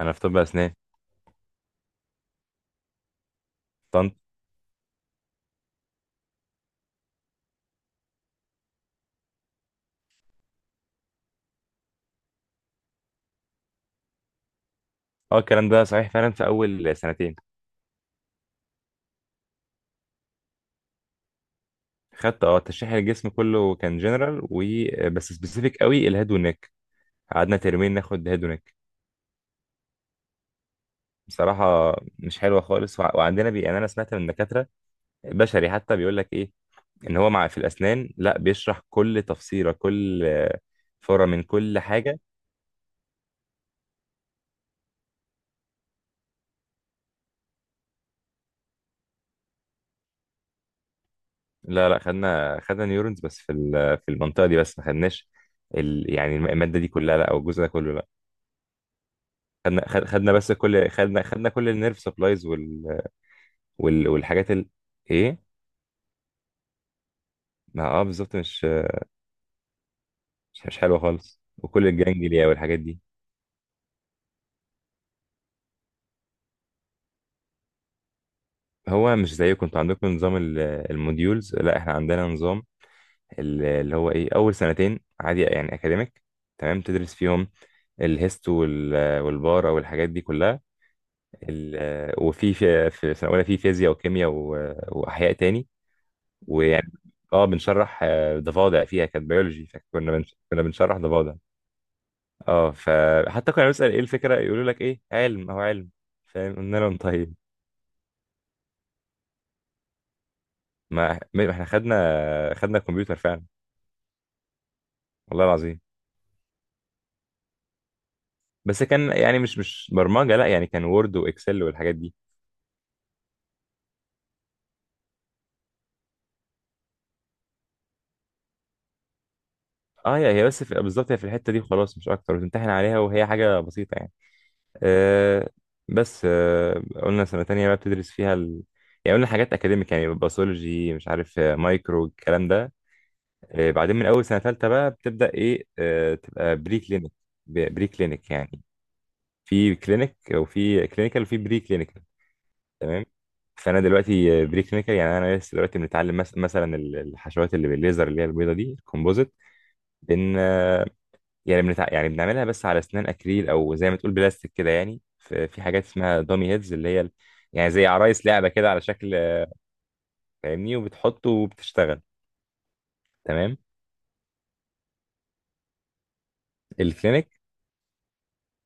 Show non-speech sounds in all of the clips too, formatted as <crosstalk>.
انا في طب اسنان طنط. اه، الكلام ده صحيح فعلا في اول سنتين. خدت تشريح الجسم كله، كان جنرال وبس سبيسيفيك قوي الهيد والنك. قعدنا ترمين ناخد هيد ونك. بصراحه مش حلوه خالص، وعندنا بي، يعني انا سمعت من دكاتره بشري حتى بيقول لك ايه، ان هو مع في الاسنان لا بيشرح كل تفصيله كل، فوره من كل حاجه. لا، لا، خدنا نيورونز، بس في المنطقه دي، بس ما خدناش يعني الماده دي كلها، لا، او الجزء ده كله، لا. خدنا خد- خدنا بس كل خدنا خدنا كل النيرف سبلايز وال... والحاجات ايه. ما، بالظبط، مش حلوه خالص، وكل الجانجليا والحاجات دي. هو مش زيكم، انتوا عندكم نظام الموديولز، لا، احنا عندنا نظام اللي هو ايه، اول سنتين عادي يعني اكاديميك، تمام، تدرس فيهم الهيست والبار او الحاجات دي كلها، ال... وفي في في سنه اولى في فيزياء وكيمياء واحياء تاني. ويعني، اه بنشرح ضفادع، فيها كانت بيولوجي، كنا بنشرح ضفادع. اه، فحتى كنا بنسأل ايه الفكرة، يقولوا لك ايه، علم، هو علم. فاهم، قلنا لهم طيب. ما احنا خدنا كمبيوتر فعلا، والله العظيم. بس كان يعني مش برمجة، لا، يعني كان وورد واكسل والحاجات دي. اه، هي بس في بالظبط، هي في الحتة دي خلاص، مش اكتر، وتمتحن عليها، وهي حاجة بسيطة يعني. آه بس، قلنا سنة تانية بقى، بتدرس فيها يعني قلنا حاجات اكاديميك، يعني باثولوجي، مش عارف، مايكرو الكلام ده. بعدين من اول سنه ثالثه بقى بتبدا ايه، تبقى بري كلينيك، بري كلينيك يعني. في كلينيك وفي كلينيكال وفي بري كلينيكال، تمام. فانا دلوقتي بري كلينيكال، يعني انا لسه دلوقتي بنتعلم، مثلا الحشوات اللي بالليزر اللي هي البيضه دي الكومبوزيت، بن آه، يعني يعني بنعملها بس على اسنان اكريل، او زي ما تقول بلاستيك كده يعني، في حاجات اسمها دامي هيدز اللي هي يعني زي عرايس لعبه كده على شكل، فاهمني، وبتحطه وبتشتغل. تمام، الكلينيك.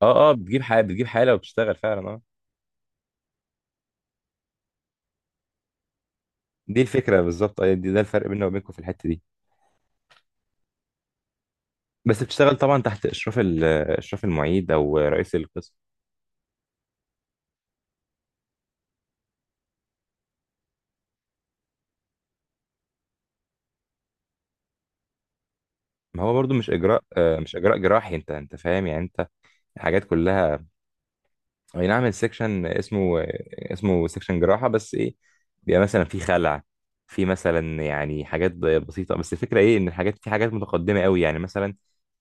اه، اه، بتجيب حاله، بتجيب حاله، وبتشتغل فعلا. دي الفكرة بالظبط، أيوة، ده الفرق بيننا وبينكم في الحتة دي. بس بتشتغل طبعا تحت إشراف المعيد أو رئيس القسم. ما هو برضو مش إجراء جراحي، أنت فاهم، يعني أنت حاجات كلها. اي نعم، السكشن اسمه سكشن جراحة، بس ايه، بيبقى مثلا في خلع، في مثلا يعني حاجات بسيطة، بس الفكرة ايه، ان في حاجات متقدمة قوي، يعني مثلا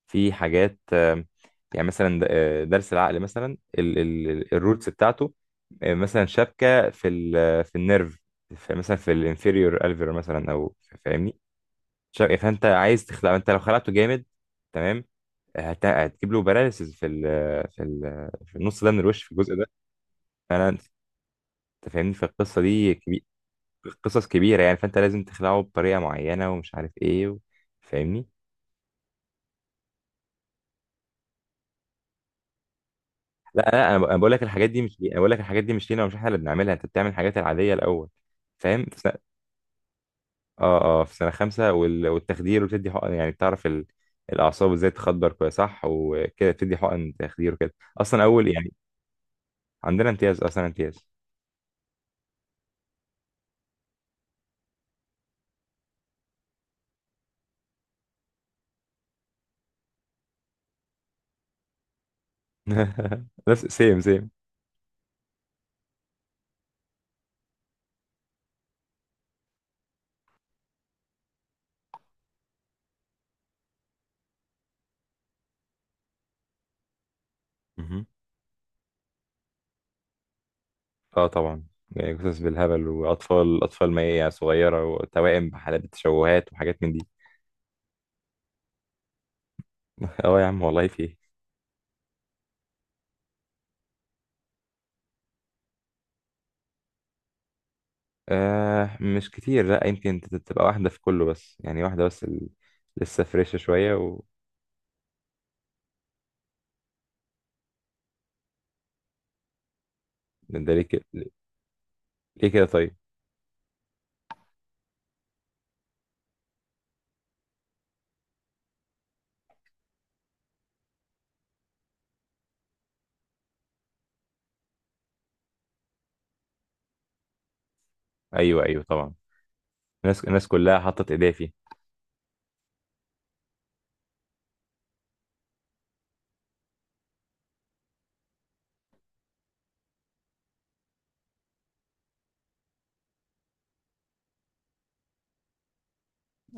في حاجات، يعني مثلا درس العقل مثلا، الروتس بتاعته، مثلا شبكة في النيرف، في مثلا في الانفيريور الفير مثلا، او فاهمني، شبكة، فانت عايز تخلع، انت لو خلعته جامد تمام، هتجيب له باراليسز في ال في ال في النص ده من الوش، في الجزء ده. فعلا انت فاهمني، في القصه دي كبير، قصص كبيره يعني، فانت لازم تخلعه بطريقه معينه، ومش عارف ايه فاهمني. لا، لا، أنا بقول لك الحاجات دي مش لي- انا بقول لك الحاجات دي مش لينا، ومش احنا اللي بنعملها، انت بتعمل الحاجات العاديه الاول، فاهم، في اه، اه، في سنه خمسه والتخدير وتدي حقن، يعني بتعرف الاعصاب ازاي تخدر كويس صح، وكده تدي حقن تخدير، وكده اصلا اول يعني. عندنا امتياز، اصلا امتياز. <laughs> نفس سيم سيم. اه طبعا، يعني قصص بالهبل، واطفال اطفال مية صغيره، وتوائم بحالات تشوهات وحاجات من دي. <laughs> اه يا عم والله في ايه. مش كتير، لا، يمكن تبقى واحده في كله، بس يعني واحده بس، لسه فريشه شويه و... ده ليه كده؟ ليه كده طيب؟ ايوه، ايوه، طبعا، الناس الناس كلها حطت ايديها فيه.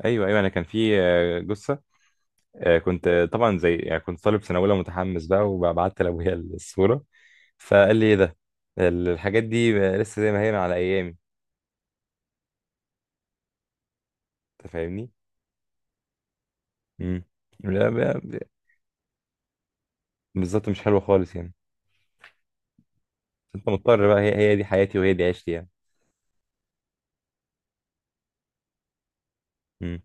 ايوه، ايوه، انا كان في جثه، كنت طبعا زي، يعني كنت طالب سنه اولى متحمس بقى، وبعت لابويا الصوره، فقال لي ايه ده؟ الحاجات دي لسه زي ما هي من على ايامي. انت فاهمني. مم. لا، بالظبط مش حلوة خالص يعني. بس انت مضطر بقى، هي دي حياتي وهي دي عيشتي يعني. مم.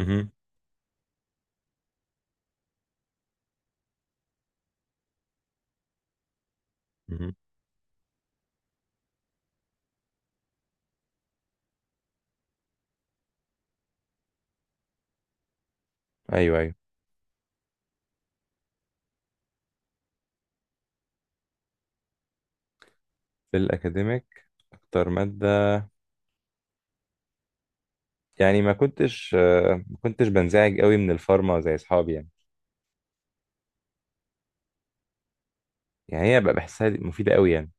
مهم. مهم. ايوه، ايوه، في الاكاديميك اكتر مادة، يعني ما كنتش بنزعج قوي من الفارما زي اصحابي يعني. يعني هي بقى بحسها، دي مفيدة قوي يعني.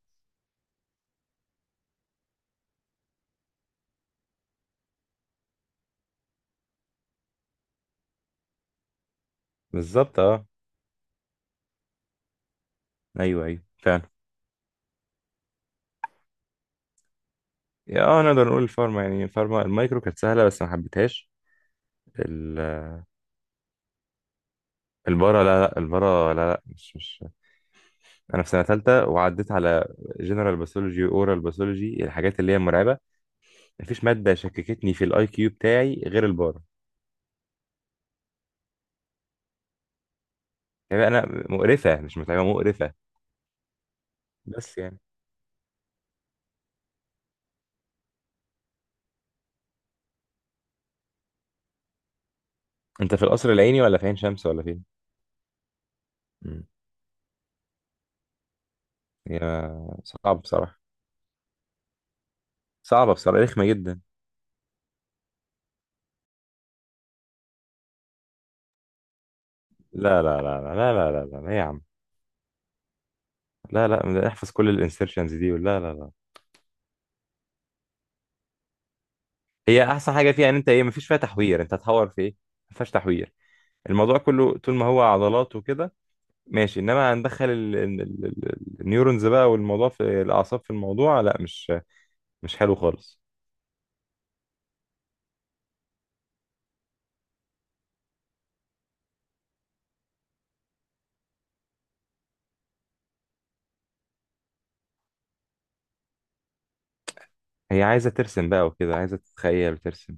بالظبط، اه. ايوه، ايوه، فعلا. يا، اه، نقدر نقول الفارما، يعني الفارما المايكرو كانت سهلة، بس ما حبيتهاش. ال- البارا لا لا، البارا لا لا، مش انا في سنة ثالثة، وعديت على جنرال باثولوجي، اورال باثولوجي، الحاجات اللي هي مرعبة. مفيش مادة شككتني في الاي كيو بتاعي غير البارة. يعني انا، مقرفة مش متعبة، مقرفة، بس يعني، انت في القصر العيني ولا في عين شمس ولا فين؟ مم. يا، صعب بصراحة، صعبة بصراحة، رخمة جدا. لا، لا، لا، لا، لا، لا، لا، لا، لا، يا عم، لا، لا، ده احفظ كل الانسرشنز دي، لا، لا، لا. هي احسن حاجة فيها، ان انت ايه، مفيش فيها تحوير، انت هتحور في ايه؟ مفيهاش تحوير، الموضوع كله طول ما هو عضلات وكده ماشي، انما هندخل النيورونز بقى، والموضوع في الاعصاب، في الموضوع لا، مش حلو خالص. هي عايزة ترسم بقى وكده، عايزة تتخيل وترسم.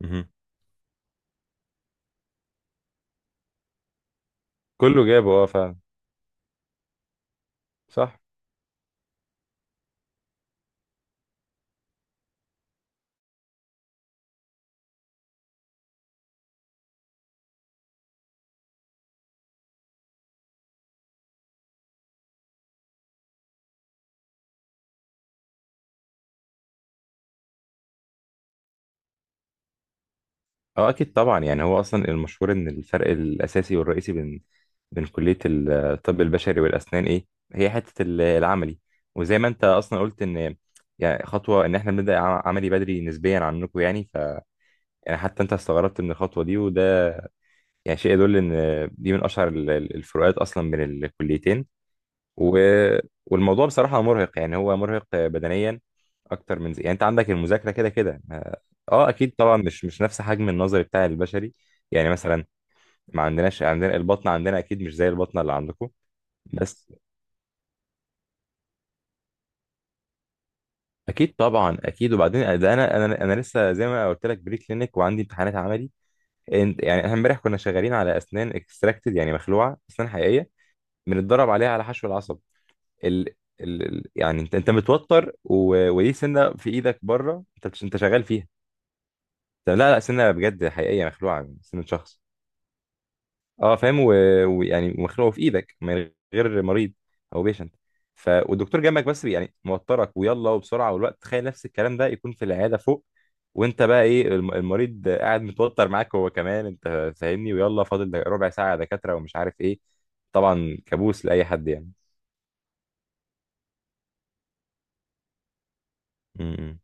مهم. كله جابه اه فعلا، صح. اه اكيد طبعا، يعني هو اصلا المشهور ان الفرق الاساسي والرئيسي بين كلية الطب البشري والاسنان ايه، هي حتة العملي. وزي ما انت اصلا قلت، ان يعني خطوة ان احنا بنبدأ عملي بدري نسبيا عنكم يعني، يعني حتى انت استغربت من الخطوة دي، وده يعني شيء يدل ان دي من اشهر الفروقات اصلا بين الكليتين، و... والموضوع بصراحة مرهق، يعني هو مرهق بدنيا أكتر من زي، يعني أنت عندك المذاكرة كده كده، أكيد طبعا، مش نفس حجم النظري بتاع البشري، يعني مثلا، ما عندناش، عندنا البطنة، عندنا أكيد مش زي البطنة اللي عندكم. بس أكيد طبعا أكيد، وبعدين ده أنا لسه زي ما قلت لك، بري كلينيك وعندي امتحانات عملي. يعني إحنا إمبارح كنا شغالين على أسنان اكستراكتد، يعني مخلوعة، أسنان حقيقية، بنتدرب عليها على حشو العصب، ال... يعني انت متوتر وليه سنه في ايدك بره، انت شغال فيها. طب، لا، لا، سنه بجد حقيقيه، مخلوعه من سنه شخص، اه فاهم، ويعني ويعني مخلوعه في ايدك من غير مريض او بيشنت. والدكتور جنبك، بس يعني موترك، ويلا وبسرعه والوقت، تخيل نفس الكلام ده يكون في العياده فوق، وانت بقى ايه، المريض قاعد متوتر معاك هو كمان، انت فاهمني، ويلا فاضل ربع ساعه يا دكاتره، ومش عارف ايه. طبعا كابوس لاي حد يعني. م- م.